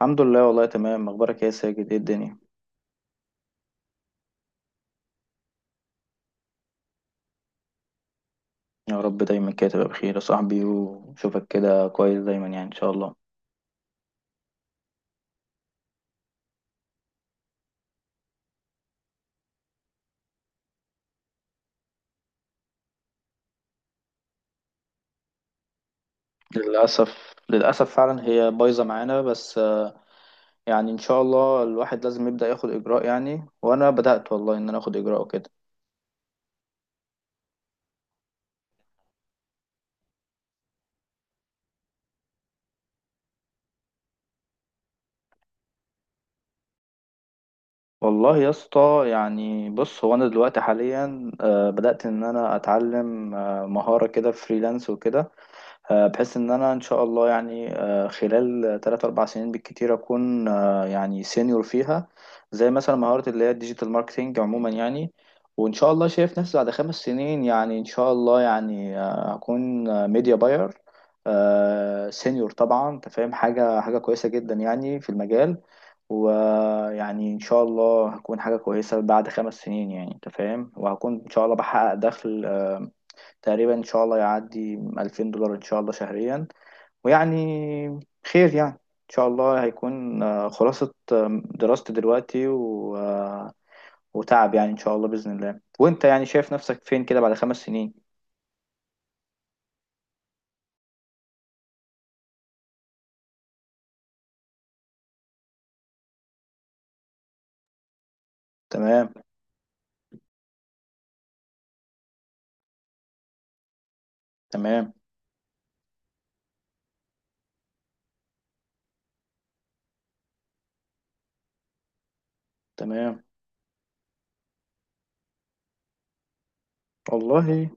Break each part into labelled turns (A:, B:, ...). A: الحمد لله، والله تمام. اخبارك إيه يا ساجد؟ ايه الدنيا؟ يا رب دايما كده تبقى بخير يا صاحبي، وشوفك كده كويس دايما يعني ان شاء الله. للاسف للاسف فعلا هي بايظه معانا بس يعني ان شاء الله الواحد لازم يبدا ياخد اجراء يعني، وانا بدات والله ان انا اخد اجراء وكده. والله يا اسطى يعني بص هو انا دلوقتي حاليا بدات ان انا اتعلم مهاره كده فريلانس وكده. بحيث ان انا ان شاء الله يعني خلال 3 4 سنين بالكتير اكون يعني سينيور فيها. زي مثلا مهارة اللي هي الديجيتال ماركتينج عموما يعني. وان شاء الله شايف نفسي بعد 5 سنين يعني ان شاء الله يعني هكون ميديا باير سينيور. طبعا انت فاهم، حاجة كويسة جدا يعني في المجال. ويعني ان شاء الله هكون حاجة كويسة بعد 5 سنين يعني انت فاهم، وهكون ان شاء الله بحقق دخل تقريبا ان شاء الله يعدي 2000 دولار ان شاء الله شهريا. ويعني خير يعني ان شاء الله هيكون خلاصة دراستي دلوقتي و... آه، وتعب يعني ان شاء الله بإذن الله. وانت يعني شايف نفسك فين كده بعد 5 سنين؟ تمام تمام تمام. والله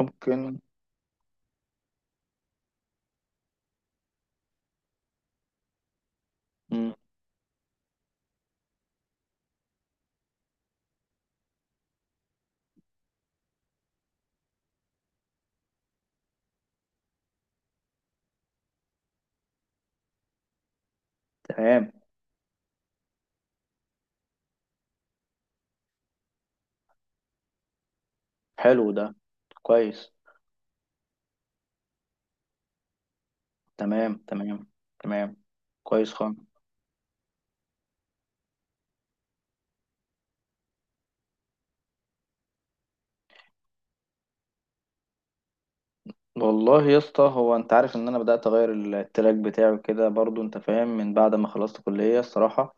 A: ممكن. مم. تمام. حلو ده. كويس. تمام تمام تمام. كويس خالص. والله يا اسطى هو انت عارف ان انا بدأت اغير التراك بتاعي كده برضو انت فاهم، من بعد ما خلصت كلية الصراحة.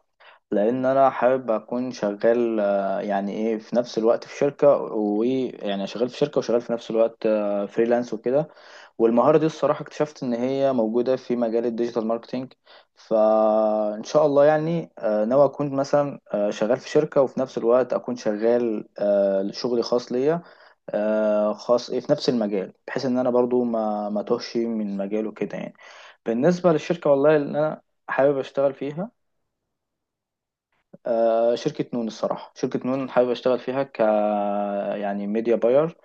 A: لان انا حابب اكون شغال يعني ايه في نفس الوقت في شركة، ويعني شغال في شركة وشغال في نفس الوقت فريلانس وكده. والمهارة دي الصراحة اكتشفت ان هي موجودة في مجال الديجيتال ماركتينج. فان شاء الله يعني ناوي اكون مثلا شغال في شركة، وفي نفس الوقت اكون شغال شغلي خاص ليا خاص إيه، في نفس المجال، بحيث ان انا برضو ما ما توهش من مجاله كده يعني. بالنسبه للشركه، والله اللي انا حابب اشتغل فيها شركه نون. الصراحه شركه نون حابب اشتغل فيها يعني ميديا باير،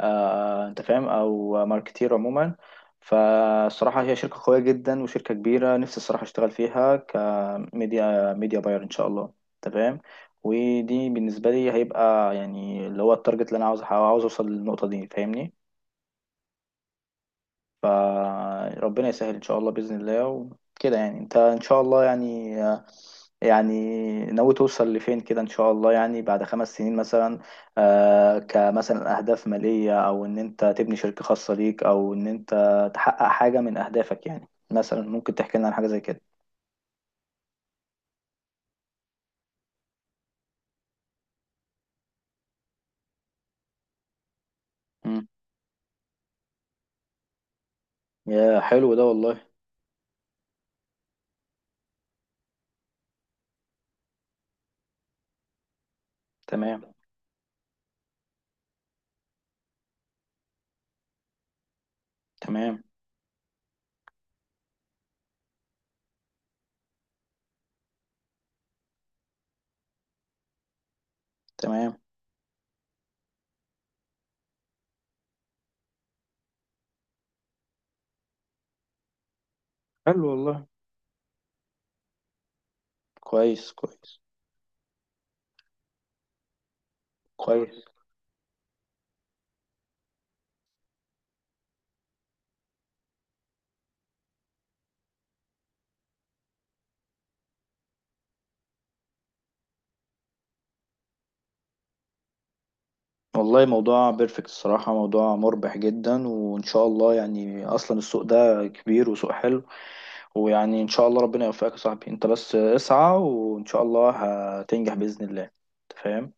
A: انت فاهم، او ماركتير عموما. فالصراحه هي شركه قويه جدا وشركه كبيره. نفسي الصراحه اشتغل فيها كميديا باير ان شاء الله انت فاهم. ودي بالنسبه لي هيبقى يعني اللي هو التارجت اللي انا عاوز اوصل للنقطه دي فاهمني. فربنا يسهل ان شاء الله باذن الله. وكده يعني انت ان شاء الله يعني يعني ناوي توصل لفين كده ان شاء الله؟ يعني بعد 5 سنين مثلا كمثلا اهداف ماليه، او ان انت تبني شركه خاصه ليك، او ان انت تحقق حاجه من اهدافك يعني. مثلا ممكن تحكي لنا عن حاجه زي كده؟ مم. يا حلو ده والله. تمام تمام تمام. حلو والله. كويس كويس كويس. والله موضوع بيرفكت الصراحة، موضوع مربح جدا، وإن شاء الله يعني أصلا السوق ده كبير وسوق حلو. ويعني إن شاء الله ربنا يوفقك يا صاحبي. أنت بس اسعى وإن شاء الله هتنجح بإذن الله أنت فاهم.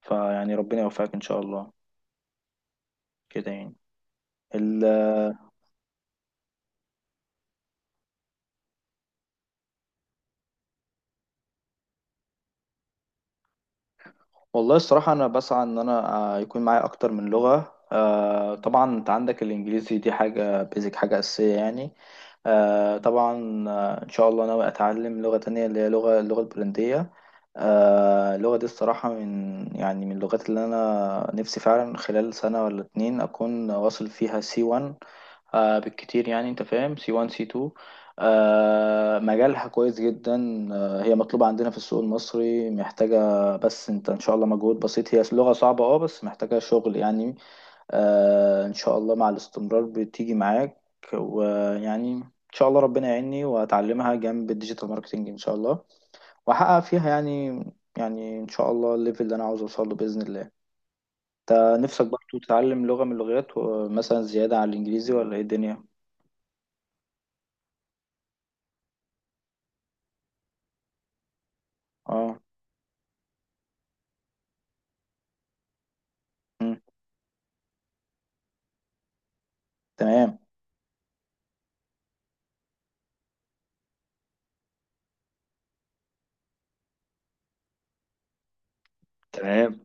A: فيعني ربنا يوفقك إن شاء الله كده يعني ال... والله الصراحة أنا بسعى إن أنا يكون معايا أكتر من لغة. طبعا أنت عندك الإنجليزي، دي حاجة بيزك، حاجة أساسية يعني. طبعا ان شاء الله ناوي اتعلم لغة تانية اللي هي اللغة البولندية. اللغة دي الصراحة من يعني من اللغات اللي انا نفسي فعلا خلال سنة ولا اتنين اكون واصل فيها سي 1 بالكتير يعني انت فاهم، سي 1 سي 2. مجالها كويس جدا. هي مطلوبة عندنا في السوق المصري محتاجة، بس انت ان شاء الله مجهود بسيط، هي لغة صعبة بس محتاجة شغل يعني. ان شاء الله مع الاستمرار بتيجي معاك. ويعني ان شاء الله ربنا يعيني واتعلمها جنب الديجيتال ماركتنج ان شاء الله، واحقق فيها يعني. ان شاء الله الليفل اللي انا عاوز اوصل له باذن الله. انت نفسك برضه تتعلم لغه من اللغات ومثلا زياده على الانجليزي؟ ولا ايه الدنيا؟ اه. مم. تمام تمام.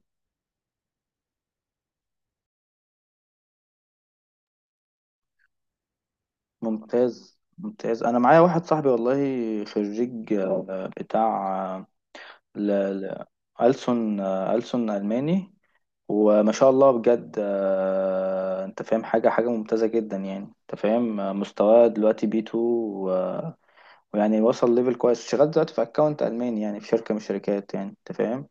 A: ممتاز ممتاز. انا معايا واحد صاحبي والله خريج بتاع آه، ل... ل... ألسن آه، ألسن ألماني. وما شاء الله بجد انت فاهم، حاجة ممتازة جدا يعني. انت فاهم مستواه دلوقتي بي 2 ويعني وصل ليفل كويس. شغال دلوقتي في اكونت الماني يعني في شركة من الشركات يعني انت فاهم.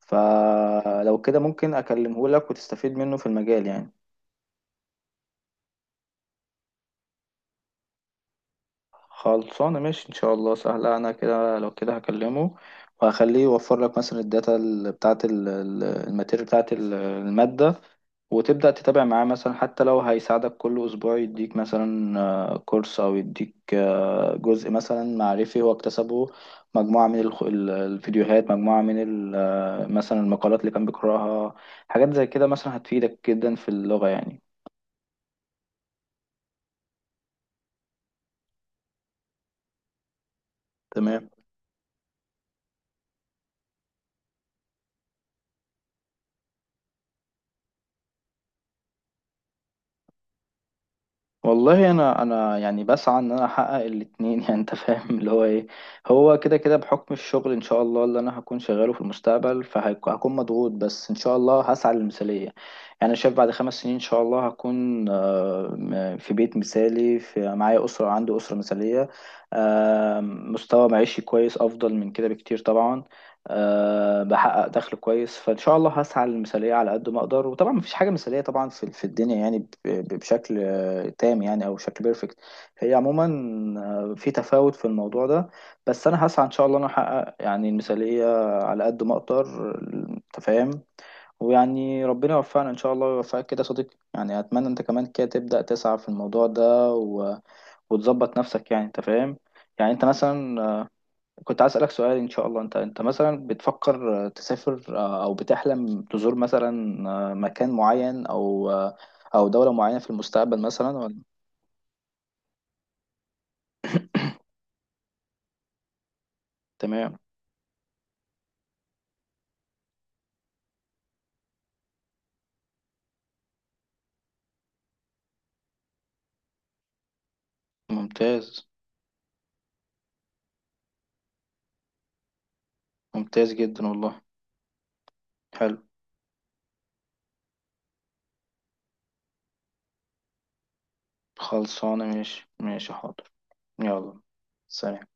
A: فلو كده ممكن اكلمه لك، وتستفيد منه في المجال يعني. خلصانة ماشي إن شاء الله سهلة. أنا كده لو كده هكلمه، وهخليه يوفر لك مثلا الداتا بتاعة الماتيريال بتاعة المادة. وتبدأ تتابع معاه مثلا حتى لو هيساعدك كل أسبوع يديك مثلا كورس أو يديك جزء مثلا معرفي هو اكتسبه. مجموعة من الفيديوهات، مجموعة من مثلا المقالات اللي كان بيقرأها. حاجات زي كده مثلا هتفيدك جدا في اللغة يعني. تمام. والله انا يعني بسعى ان انا احقق الاتنين يعني انت فاهم اللي هو ايه. هو كده كده بحكم الشغل ان شاء الله اللي انا هكون شغاله في المستقبل، فهكون مضغوط، بس ان شاء الله هسعى للمثالية يعني. انا شايف بعد 5 سنين ان شاء الله هكون في بيت مثالي، في معايا اسرة، عندي اسرة مثالية. مستوى معيشي كويس افضل من كده بكتير طبعا. بحقق دخل كويس، فإن شاء الله هسعى للمثالية على قد ما أقدر. وطبعا مفيش حاجة مثالية طبعا في في الدنيا يعني بشكل تام يعني، أو شكل بيرفكت. هي عموما في تفاوت في الموضوع ده، بس أنا هسعى إن شاء الله إن أنا أحقق يعني المثالية على قد ما أقدر. أنت فاهم. ويعني ربنا يوفقنا إن شاء الله ويوفقك كده يا صديقي يعني. أتمنى أنت كمان كده تبدأ تسعى في الموضوع ده وتظبط نفسك يعني، أنت فاهم. يعني انت مثلا كنت عايز أسألك سؤال إن شاء الله. أنت مثلا بتفكر تسافر، أو بتحلم تزور مثلا مكان معين أو دولة معينة في المستقبل مثلا ولا؟ تمام. ممتاز ممتاز جدا والله. حلو. خلصانة ماشي. ماشي حاضر. يلا. سلام.